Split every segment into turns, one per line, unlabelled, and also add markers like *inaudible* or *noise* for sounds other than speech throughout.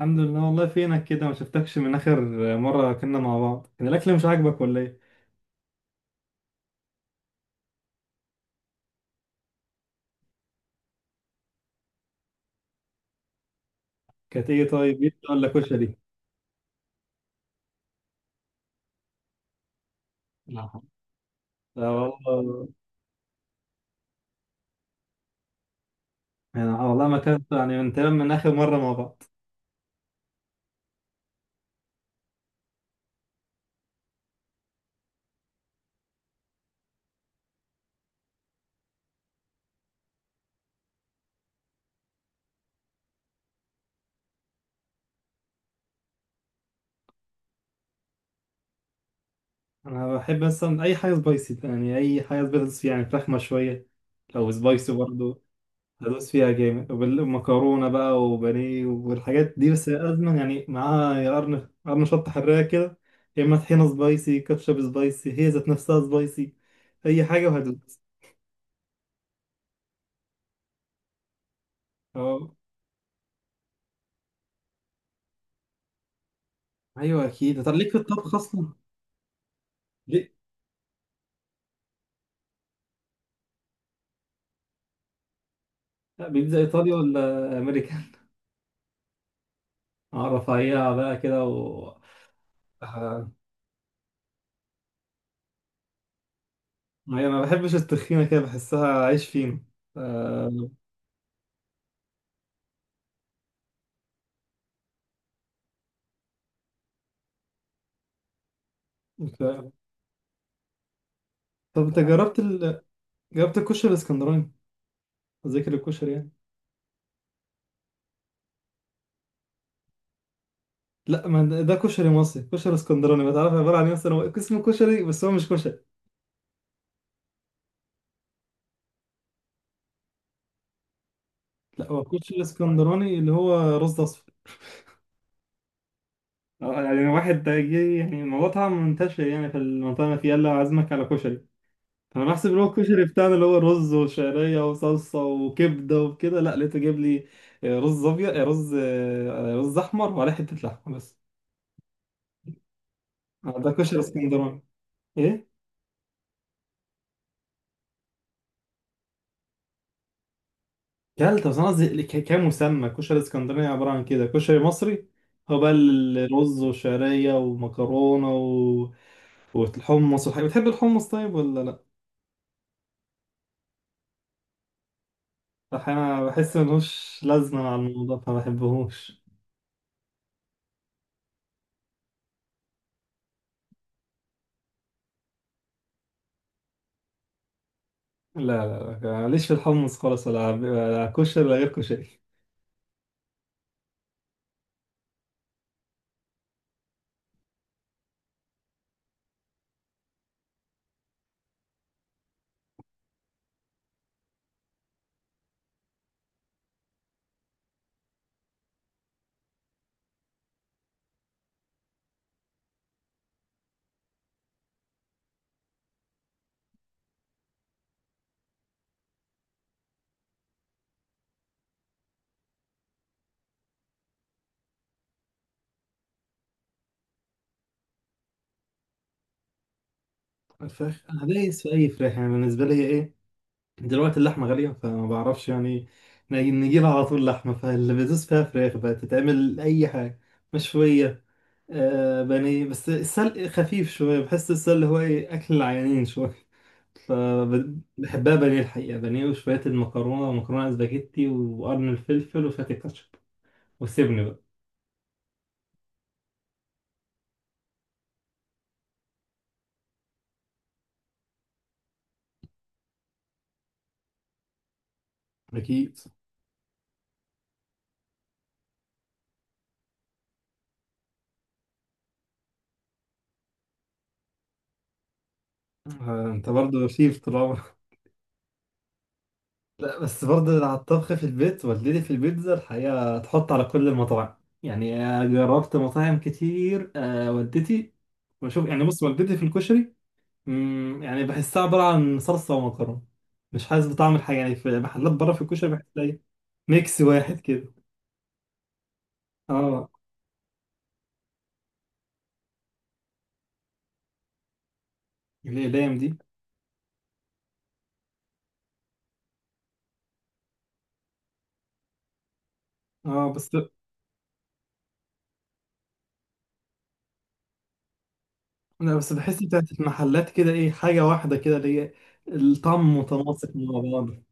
الحمد لله. والله فينك كده؟ ما شفتكش من اخر مره كنا مع بعض. كان الاكل مش عاجبك ولا ايه؟ كانت ايه طيب؟ بيتزا ولا كشري؟ لا، لا والله. انا والله ما كانت يعني من تمام، من اخر مره مع بعض. انا بحب مثلا اي حاجه سبايسي، يعني اي حاجه سبايسي، يعني فراخ مشويه لو سبايسي برضه. هدوس فيها جامد ومكرونه بقى وبانيه والحاجات دي، بس لازما يعني معاها يا قرن قرن شطه حراقه كده. يا اما طحينه سبايسي، كاتشب سبايسي، هي ذات نفسها سبايسي اي حاجه وهدوس. اه، ايوه اكيد، طب ليك في الطبخ اصلا؟ ليه؟ لا، بيتزا ايطالي ولا امريكان؟ اعرف اعيها *laughs* بقى كده و... آه. أيوة، انا ما بحبش التخينه كده، بحسها عيش فينو. آه. ف- طب انت جربت الكشري الاسكندراني، ذاكر الكشري يعني. لا، ما ده كشري مصري، كشري اسكندراني ما تعرف عباره عن ايه؟ مثلا هو اسمه كشري بس هو مش كشري. لا، هو كشري اسكندراني اللي هو رز اصفر. آه، يعني واحد ده جه، يعني الموضوع طبعا منتشر يعني في المنطقه اللي أنا فيها، يلا عازمك على كشري. انا بحسب اللي هو الكشري بتاعنا اللي هو رز وشعريه وصلصه وكبده وكده، لا لقيته جايب لي رز ابيض، رز احمر وعليه حته لحمه بس. ده كشري اسكندراني. ايه؟ كلت بس انا قصدي كمسمى كشري اسكندراني عباره عن كده، كشري مصري هو بقى الرز وشعريه ومكرونه و... والحمص والحاجات، بتحب الحمص طيب ولا لا؟ احيانا بحس ملوش لازمه مع الموضوع فما بحبهوش. لا، لا، لا، ماليش في الحمص خالص، ولا كشري ولا غير كشري. الفراخ انا دايس في اي فراخ يعني، بالنسبه لي ايه. دلوقتي اللحمه غاليه فما بعرفش يعني. نجيب على طول لحمه، فاللي بدوس فيها فراخ بقى تتعمل اي حاجه مشويه. آه، بانيه، بس السلق خفيف شويه، بحس السلق هو ايه اكل العيانين *laughs* شويه. فبحبها بانيه الحقيقه، بانيه وشويه المكرونه، ومكرونه اسباجيتي وقرن الفلفل وشويه الكاتشب، وسيبني بقى. اكيد. آه، انت برضه شيف طول عمرك؟ لا، بس برضه على الطبخ في البيت، والدتي في البيتزا الحقيقة تحط على كل المطاعم. يعني جربت مطاعم كتير، والدتي، وشوف يعني، بص والدتي في الكشري. يعني بحسها عبارة عن صلصة ومكرونة، مش حاسس بطعم الحاجة، يعني في محلات بره في الكشري بحس إيه، ميكس واحد كده. اه، الأقلام دي. اه بس. لا، بس بحس بتاعت المحلات كده ايه، حاجة واحدة كده اللي هي الطعم متناسق مع بعض.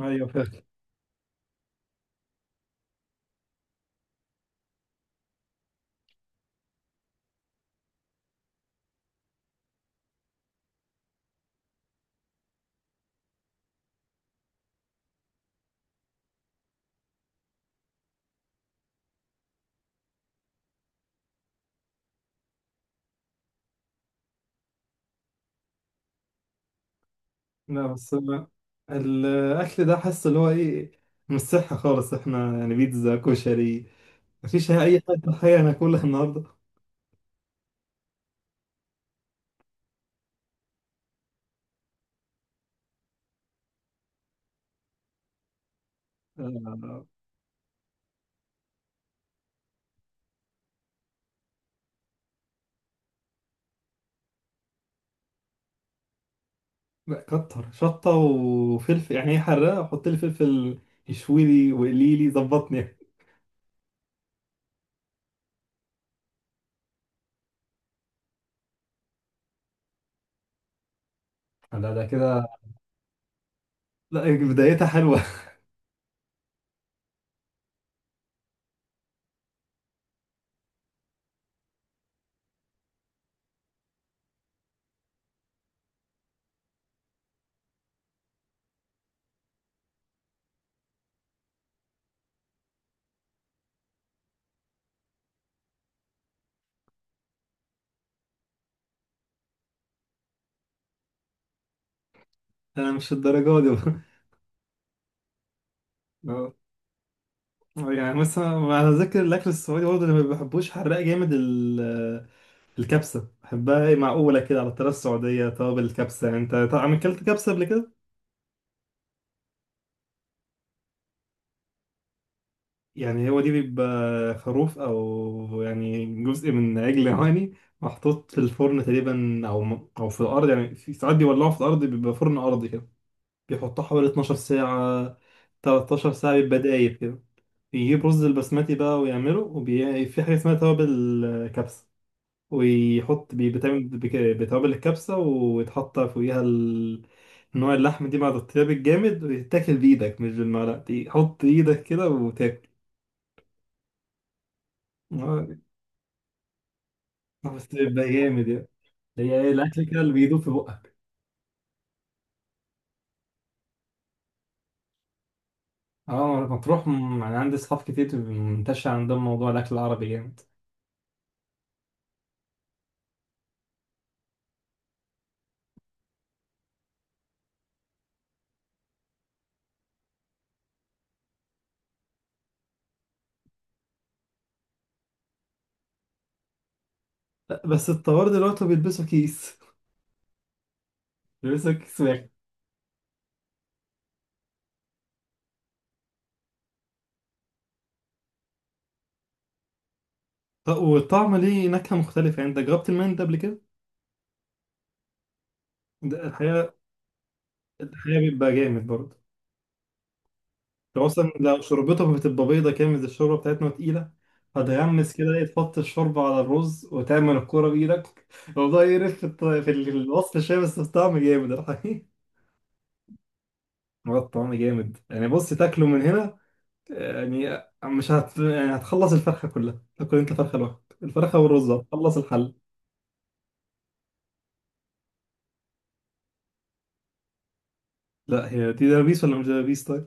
ايوه. لا، بس أنا الأكل ده حاسس اللي هو إيه، مش صحي خالص، إحنا يعني بيتزا، كشري، مفيش أي حاجة حقيقة ناكلها النهاردة. آه. لا، كتر شطة وفلفل، يعني إيه حراقة، حط لي فلفل، يشوي لي وقلي لي، ظبطني. لا ده كده. لا. بدايتها حلوة. *laughs* أنا مش الدرجة دي. *laughs* برضه. آه، يعني مثلا على ذكر الأكل السعودي برضه، اللي ما بحبوش حراق جامد. الكبسة بحبها، هي معقولة كده على الطريقة السعودية، توابل الكبسة يعني، انت طبعا اكلت كبسة قبل كده؟ يعني هو دي بيبقى خروف او يعني جزء من عجل هواني، محطوط في الفرن تقريبا، او في الارض، يعني في ساعات بيولعوه في الارض، بيبقى فرن ارضي كده، بيحطوه حوالي 12 ساعة، 13 ساعة بيبقى دايب كده. بيجيب رز البسمتي بقى ويعمله، وفي حاجة اسمها توابل كبسة، ويحط بيتعمل بتوابل الكبسة، ويتحط فوقيها نوع اللحم دي مع الطياب الجامد، ويتاكل بإيدك مش بالمعلقة، دي حط إيدك كده وتاكل. آه، بس بيبقى جامد يعني. هي إيه الأكل كده اللي بيدوب في بقك؟ اه لما تروح يعني عندي أصحاب كتير منتشر عندهم موضوع الأكل العربي جامد. بس الطوار دلوقتي بيلبسوا كيس واحد. طب والطعم ليه نكهة مختلفة، يعني أنت جربت المندي قبل كده؟ ده الحقيقة بيبقى جامد برضه. لو اصلا لو شوربتهم بتبقى بيضة كده، مش الشوربة بتاعتنا تقيلة، هتغمس كده ايه، تحط الشوربة على الرز وتعمل الكورة بإيدك. الموضوع يقرف في في الوصف شوية، بس الطعم جامد *laughs* الحقيقة. هو الطعم جامد يعني، بص تاكله من هنا يعني، مش يعني هتخلص الفرخة كلها، تاكل انت فرخة لوحدك، الفرخة والرز هتخلص الحل. لا هي دي دبابيس ولا مش دبابيس طيب؟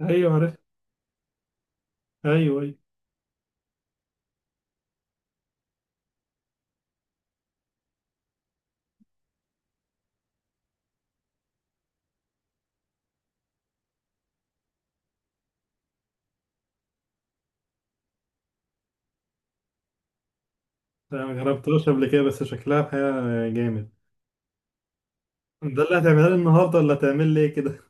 ايوه عارف. ايوه، ايوه. انا ما جربتهاش قبل كده بس شكلها حاجة جامد. ده اللي هتعملها لي النهارده ولا هتعمل لي إيه كده؟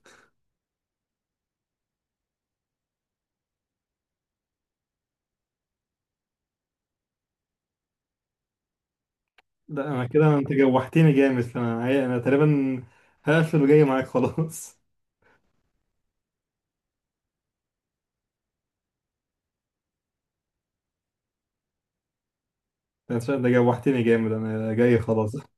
ده انا كده انت جوحتني جامد، انا انا تقريبا هقفل وجاي معاك خلاص. *laughs* ده جوحتني جامد انا جاي خلاص.